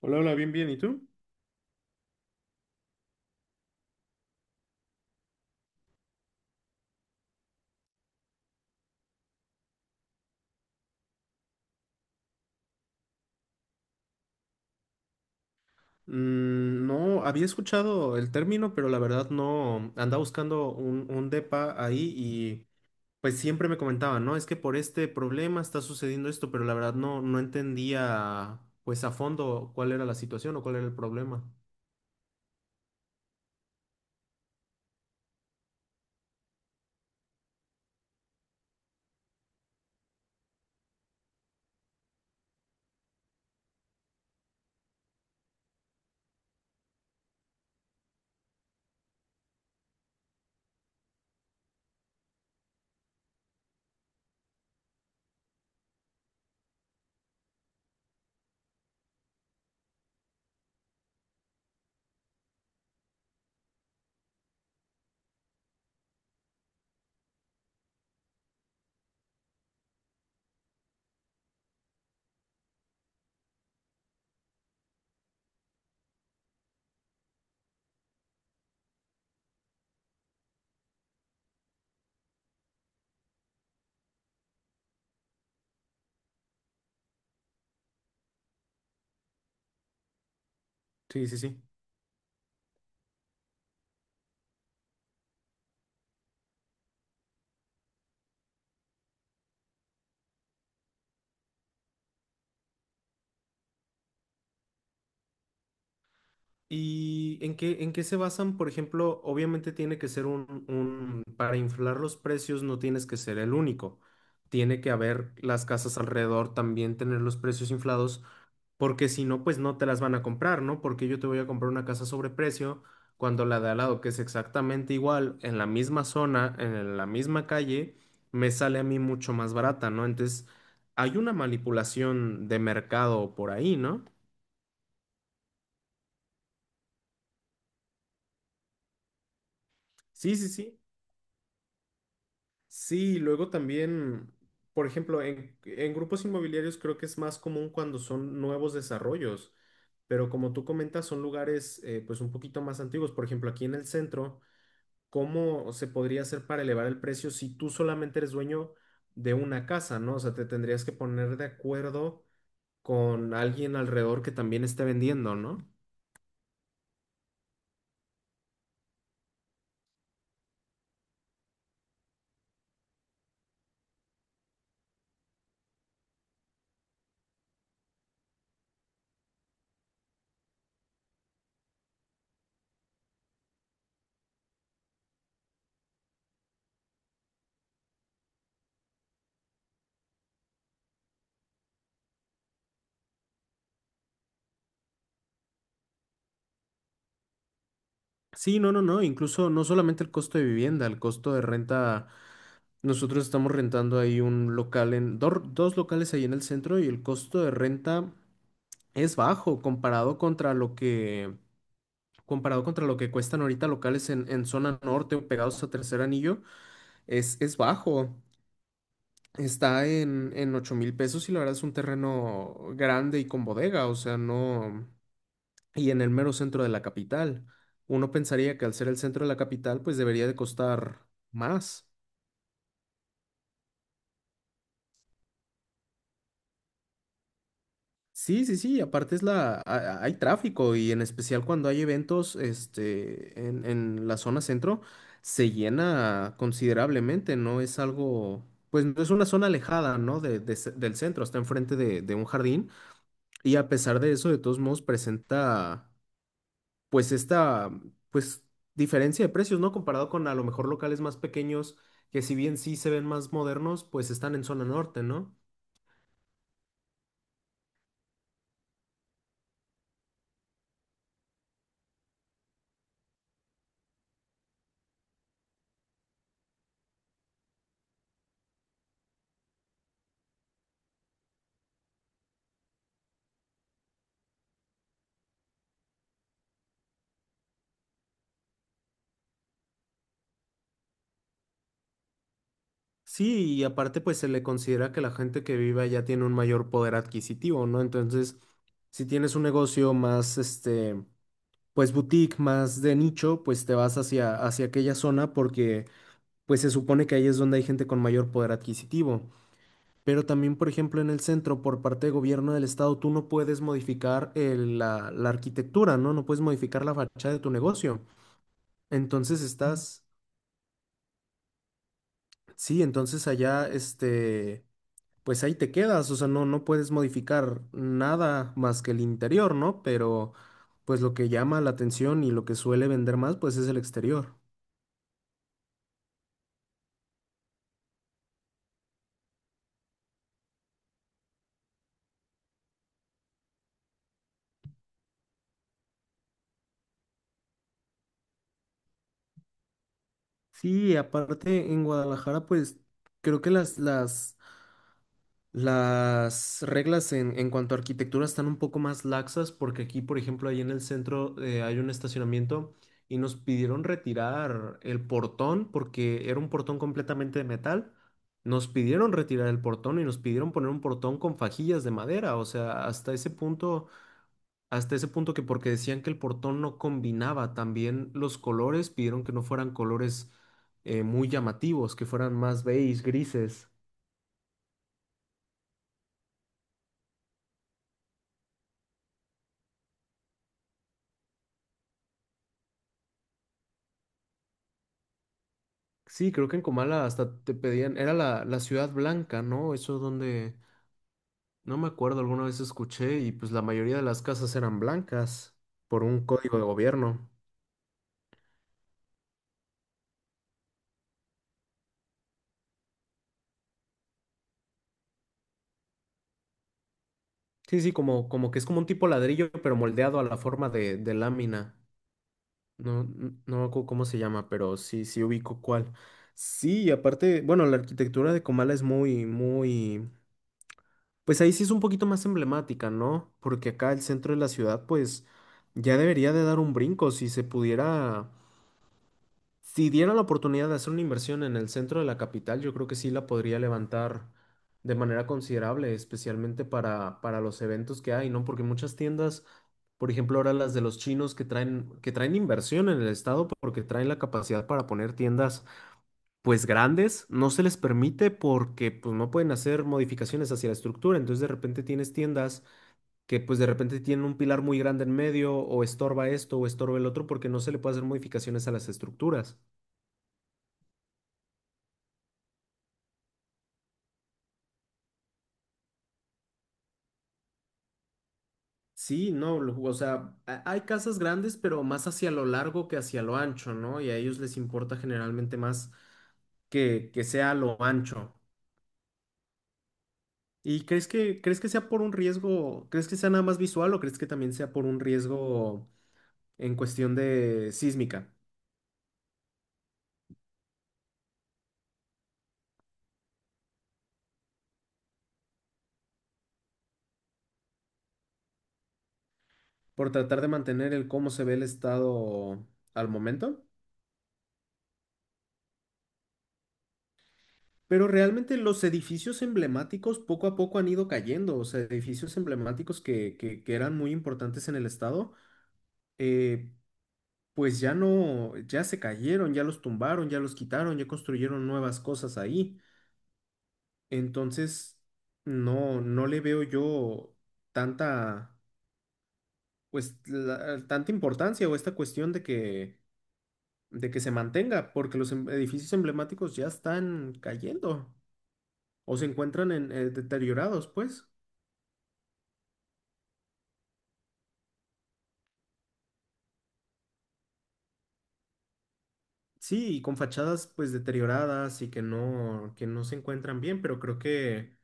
Hola, hola, bien, bien. ¿Y tú? Mm, no, había escuchado el término, pero la verdad no. Andaba buscando un depa ahí y pues siempre me comentaban, ¿no? Es que por este problema está sucediendo esto, pero la verdad no entendía pues a fondo cuál era la situación o cuál era el problema. Sí, sí, sí. ¿Y en qué se basan? Por ejemplo, obviamente tiene que ser para inflar los precios no tienes que ser el único. Tiene que haber las casas alrededor también tener los precios inflados porque si no, pues no te las van a comprar, ¿no? Porque yo te voy a comprar una casa sobre precio cuando la de al lado, que es exactamente igual, en la misma zona, en la misma calle, me sale a mí mucho más barata, ¿no? Entonces, hay una manipulación de mercado por ahí, ¿no? Sí, sí, sí. Sí, luego también, por ejemplo, en grupos inmobiliarios creo que es más común cuando son nuevos desarrollos, pero como tú comentas, son lugares pues un poquito más antiguos. Por ejemplo, aquí en el centro. ¿Cómo se podría hacer para elevar el precio si tú solamente eres dueño de una casa, ¿no? O sea, te tendrías que poner de acuerdo con alguien alrededor que también esté vendiendo, ¿no? Sí, no, no, no, incluso no solamente el costo de vivienda, el costo de renta. Nosotros estamos rentando ahí un local dos locales ahí en el centro y el costo de renta es bajo comparado contra lo que cuestan ahorita locales en zona norte o pegados a Tercer Anillo, es bajo. Está en 8,000 pesos y la verdad es un terreno grande y con bodega, o sea, no. Y en el mero centro de la capital. Uno pensaría que al ser el centro de la capital, pues debería de costar más. Sí, sí, sí, aparte es hay tráfico y en especial cuando hay eventos, este, en la zona centro, se llena considerablemente, ¿no? Es algo. Pues no es una zona alejada, ¿no? De ce- del centro, está enfrente de un jardín. Y a pesar de eso, de todos modos, presenta, pues esta, pues, diferencia de precios, ¿no? Comparado con a lo mejor locales más pequeños que si bien sí se ven más modernos, pues están en zona norte, ¿no? Sí, y aparte pues se le considera que la gente que vive allá tiene un mayor poder adquisitivo, ¿no? Entonces, si tienes un negocio más, este, pues boutique, más de nicho, pues te vas hacia aquella zona porque pues se supone que ahí es donde hay gente con mayor poder adquisitivo. Pero también, por ejemplo, en el centro, por parte de gobierno del estado, tú no puedes modificar la arquitectura, ¿no? No puedes modificar la fachada de tu negocio. Entonces estás, sí, entonces allá, este, pues ahí te quedas, o sea, no, puedes modificar nada más que el interior, ¿no? Pero, pues lo que llama la atención y lo que suele vender más, pues es el exterior. Sí, aparte en Guadalajara, pues creo que las reglas en cuanto a arquitectura están un poco más laxas porque aquí, por ejemplo, ahí en el centro hay un estacionamiento y nos pidieron retirar el portón porque era un portón completamente de metal. Nos pidieron retirar el portón y nos pidieron poner un portón con fajillas de madera. O sea, hasta ese punto, hasta ese punto, que porque decían que el portón no combinaba también los colores, pidieron que no fueran colores muy llamativos, que fueran más beige, grises. Sí, creo que en Comala hasta te pedían, era la Ciudad Blanca, ¿no? Eso donde, no me acuerdo, alguna vez escuché, y pues la mayoría de las casas eran blancas por un código de gobierno. Sí, sí, como que es como un tipo ladrillo, pero moldeado a la forma de lámina. No, no me acuerdo cómo se llama, pero sí, sí ubico cuál. Sí, y aparte, bueno, la arquitectura de Comala es muy, muy, pues ahí sí es un poquito más emblemática, ¿no? Porque acá el centro de la ciudad, pues ya debería de dar un brinco si se pudiera. Si diera la oportunidad de hacer una inversión en el centro de la capital, yo creo que sí la podría levantar de manera considerable, especialmente para los eventos que hay, ¿no? Porque muchas tiendas, por ejemplo, ahora las de los chinos que traen, inversión en el estado porque traen la capacidad para poner tiendas pues grandes, no se les permite porque pues no pueden hacer modificaciones hacia la estructura. Entonces de repente tienes tiendas que pues de repente tienen un pilar muy grande en medio o estorba esto o estorba el otro porque no se le puede hacer modificaciones a las estructuras. Sí, no, o sea, hay casas grandes, pero más hacia lo largo que hacia lo ancho, ¿no? Y a ellos les importa generalmente más que sea a lo ancho. ¿Y crees que, sea por un riesgo, crees que sea nada más visual o crees que también sea por un riesgo en cuestión de sísmica? Por tratar de mantener el cómo se ve el estado al momento. Pero realmente los edificios emblemáticos poco a poco han ido cayendo, o sea, edificios emblemáticos que eran muy importantes en el estado. eh, pues ya no, ya se cayeron, ya los tumbaron, ya los quitaron, ya construyeron nuevas cosas ahí. Entonces, no, le veo yo tanta, pues, tanta importancia o esta cuestión de que se mantenga, porque los edificios emblemáticos ya están cayendo o se encuentran deteriorados, pues. Sí, y con fachadas pues deterioradas y que no se encuentran bien, pero creo que,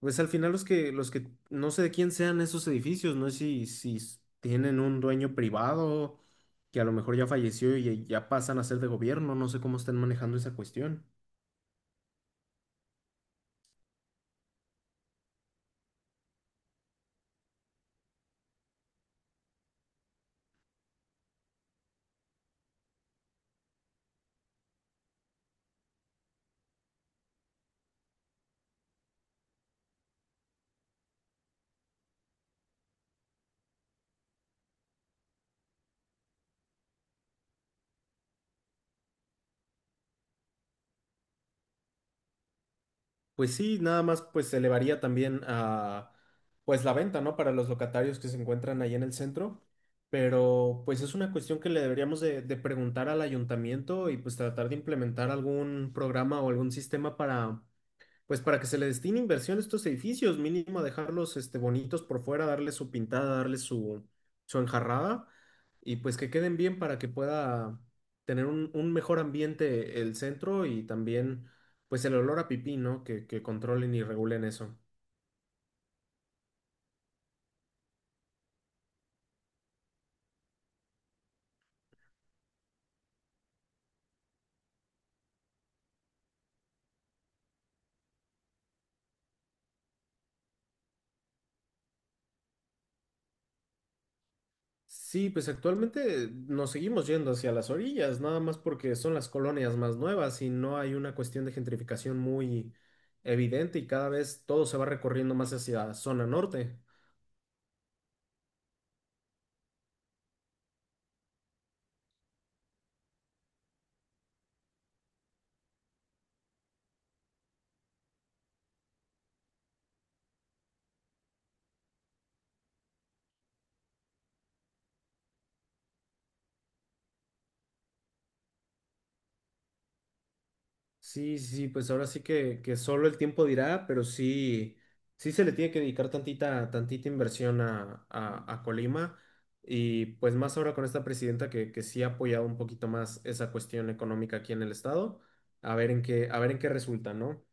pues, al final los no sé de quién sean esos edificios, no sé si tienen un dueño privado que a lo mejor ya falleció y ya pasan a ser de gobierno, no sé cómo están manejando esa cuestión. Pues sí, nada más pues se elevaría también a, pues, la venta, ¿no? Para los locatarios que se encuentran ahí en el centro, pero pues es una cuestión que le deberíamos de preguntar al ayuntamiento y pues tratar de implementar algún programa o algún sistema para que se le destine inversión a estos edificios, mínimo dejarlos, este, bonitos por fuera, darle su pintada, darle su enjarrada, y pues que queden bien para que pueda tener un mejor ambiente el centro y también pues el olor a pipí, ¿no? Que controlen y regulen eso. Sí, pues actualmente nos seguimos yendo hacia las orillas, nada más porque son las colonias más nuevas y no hay una cuestión de gentrificación muy evidente y cada vez todo se va recorriendo más hacia zona norte. Sí, sí, sí, pues ahora sí que solo el tiempo dirá, pero sí, sí se le tiene que dedicar tantita, tantita inversión a Colima y pues más ahora con esta presidenta que sí ha apoyado un poquito más esa cuestión económica aquí en el estado, a ver en qué, a ver en qué resulta, ¿no?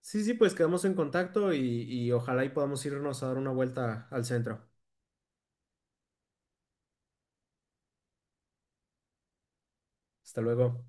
Sí, sí, pues quedamos en contacto y ojalá y podamos irnos a dar una vuelta al centro. Hasta luego.